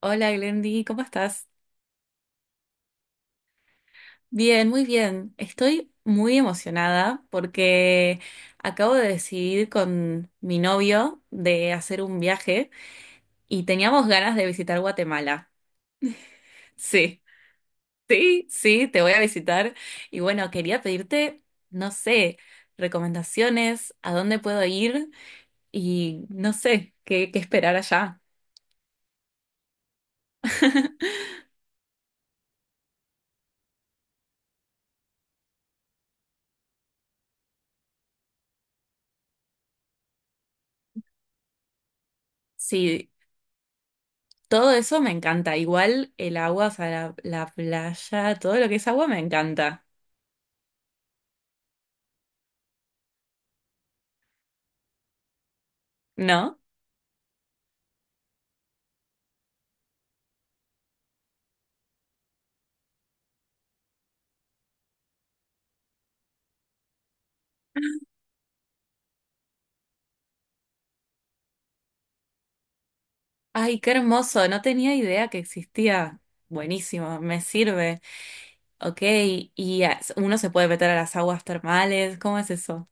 Hola Glendy, ¿cómo estás? Bien, muy bien. Estoy muy emocionada porque acabo de decidir con mi novio de hacer un viaje y teníamos ganas de visitar Guatemala. Sí, sí, sí, te voy a visitar. Y bueno, quería pedirte, no sé, recomendaciones, a dónde puedo ir y no sé, qué esperar allá. Sí, todo eso me encanta. Igual el agua, o sea, la playa, todo lo que es agua me encanta, ¿no? Ay, qué hermoso. No tenía idea que existía. Buenísimo, me sirve. Ok, y uno se puede meter a las aguas termales. ¿Cómo es eso?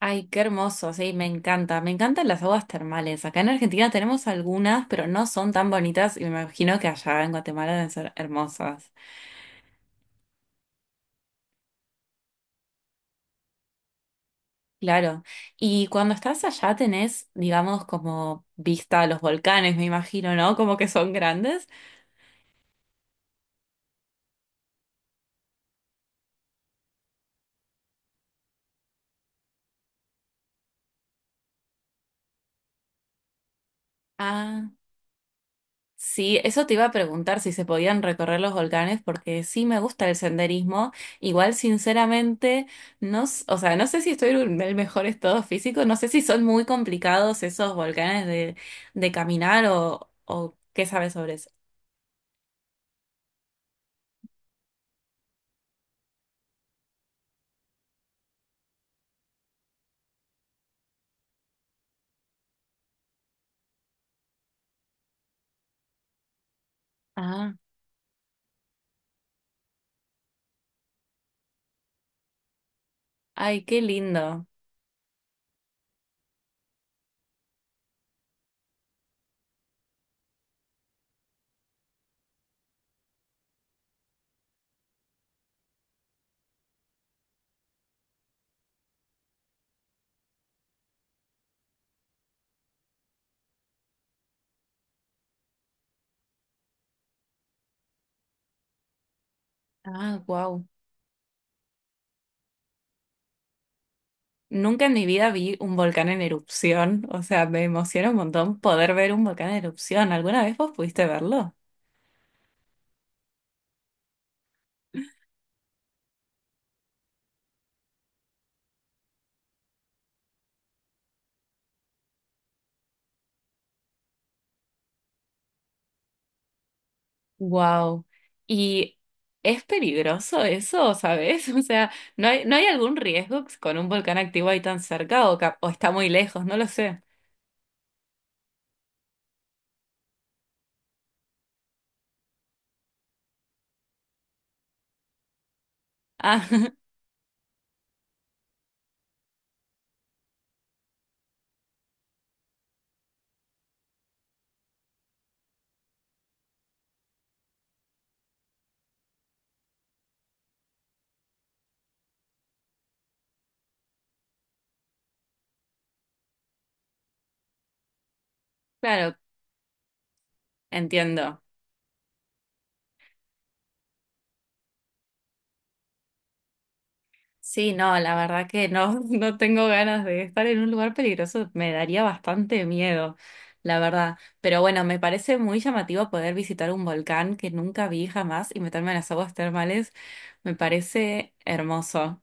Ay, qué hermoso. Sí, me encanta. Me encantan las aguas termales. Acá en Argentina tenemos algunas, pero no son tan bonitas y me imagino que allá en Guatemala deben ser hermosas. Claro. Y cuando estás allá tenés, digamos, como vista a los volcanes, me imagino, ¿no? Como que son grandes. Ah, sí, eso te iba a preguntar si se podían recorrer los volcanes, porque sí me gusta el senderismo. Igual, sinceramente, no, o sea, no sé si estoy en el mejor estado físico, no sé si son muy complicados esos volcanes de caminar o qué sabes sobre eso. Ah, ay, qué lindo. Ah, wow. Nunca en mi vida vi un volcán en erupción, o sea, me emociona un montón poder ver un volcán en erupción. ¿Alguna vez vos pudiste verlo? Wow. ¿Y es peligroso eso, sabes? O sea, ¿no hay, no hay algún riesgo con un volcán activo ahí tan cerca o, o está muy lejos? No lo sé. Ah, claro, entiendo. Sí, no, la verdad que no, no tengo ganas de estar en un lugar peligroso, me daría bastante miedo, la verdad. Pero bueno, me parece muy llamativo poder visitar un volcán que nunca vi jamás y meterme en las aguas termales, me parece hermoso.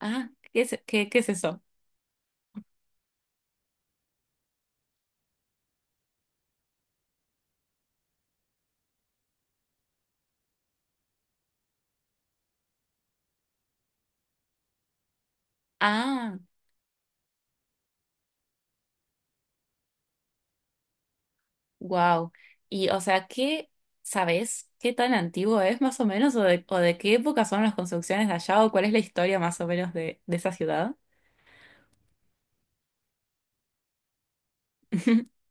Ah, ¿qué es, qué es eso? Ah, wow. Y o sea, ¿qué sabes? ¿Qué tan antiguo es más o menos? O de qué época son las construcciones de allá? ¿O cuál es la historia más o menos de esa ciudad?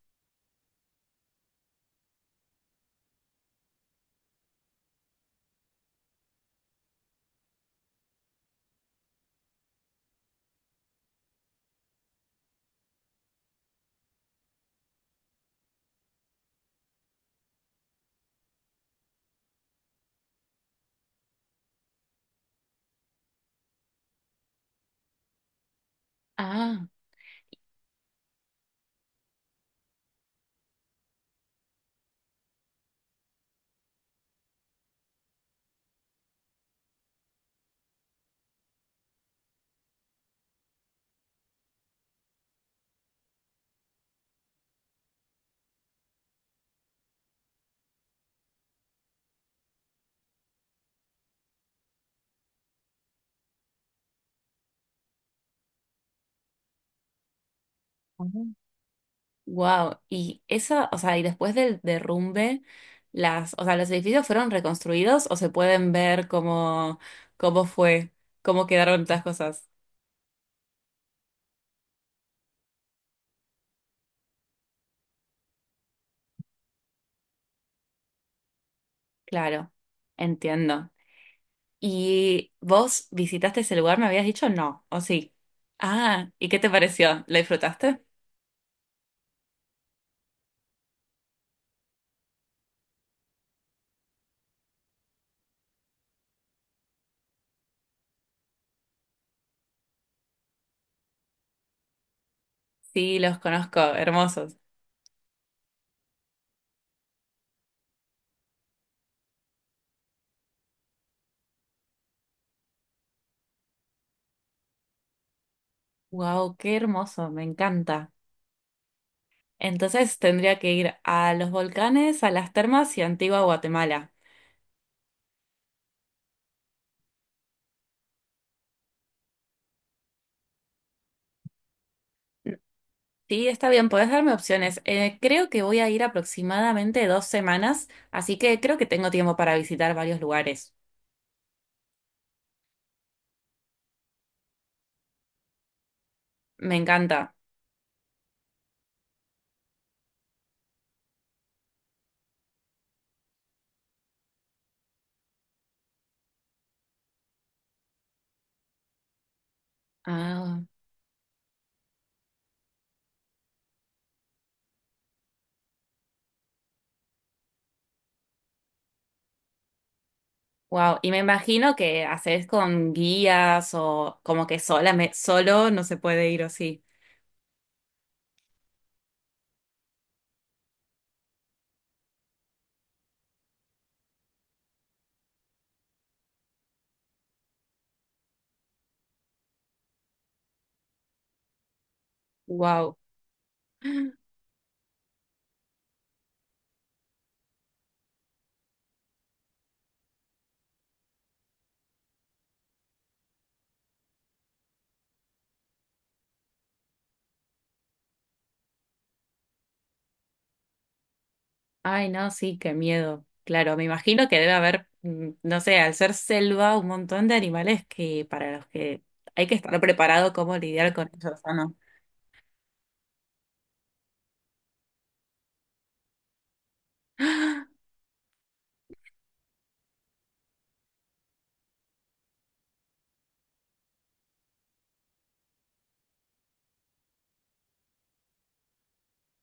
Ah. Wow, y esa, o sea, y después del derrumbe, las, o sea, los edificios fueron reconstruidos o se pueden ver cómo, cómo fue, cómo quedaron estas cosas. Claro, entiendo. ¿Y vos visitaste ese lugar? ¿Me habías dicho no? ¿O sí? Ah, ¿y qué te pareció? ¿Lo disfrutaste? Sí, los conozco, hermosos. Wow, qué hermoso, me encanta. Entonces tendría que ir a los volcanes, a las termas y a Antigua Guatemala. Sí, está bien, podés darme opciones. Creo que voy a ir aproximadamente 2 semanas, así que creo que tengo tiempo para visitar varios lugares. Me encanta. Ah, wow. Y me imagino que haces con guías o como que sola, solo no se puede ir o sí. Wow. Ay, no, sí, qué miedo. Claro, me imagino que debe haber, mm, no sé, al ser selva, un montón de animales que para los que hay que estar preparado cómo lidiar con ellos, ¿o no?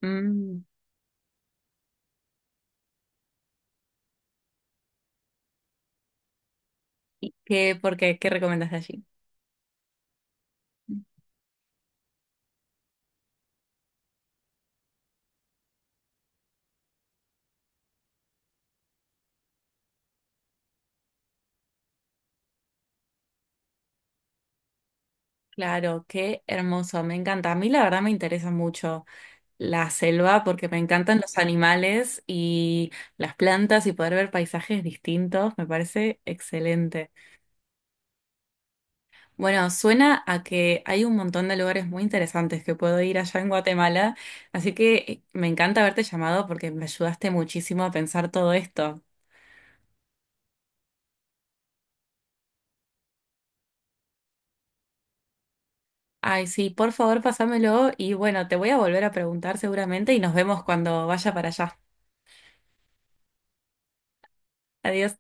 Mm, ¿qué, por qué, qué recomendás de allí? Claro, qué hermoso, me encanta. A mí la verdad me interesa mucho la selva porque me encantan los animales y las plantas y poder ver paisajes distintos, me parece excelente. Bueno, suena a que hay un montón de lugares muy interesantes que puedo ir allá en Guatemala, así que me encanta haberte llamado porque me ayudaste muchísimo a pensar todo esto. Ay, sí, por favor, pásamelo y bueno, te voy a volver a preguntar seguramente y nos vemos cuando vaya para allá. Adiós.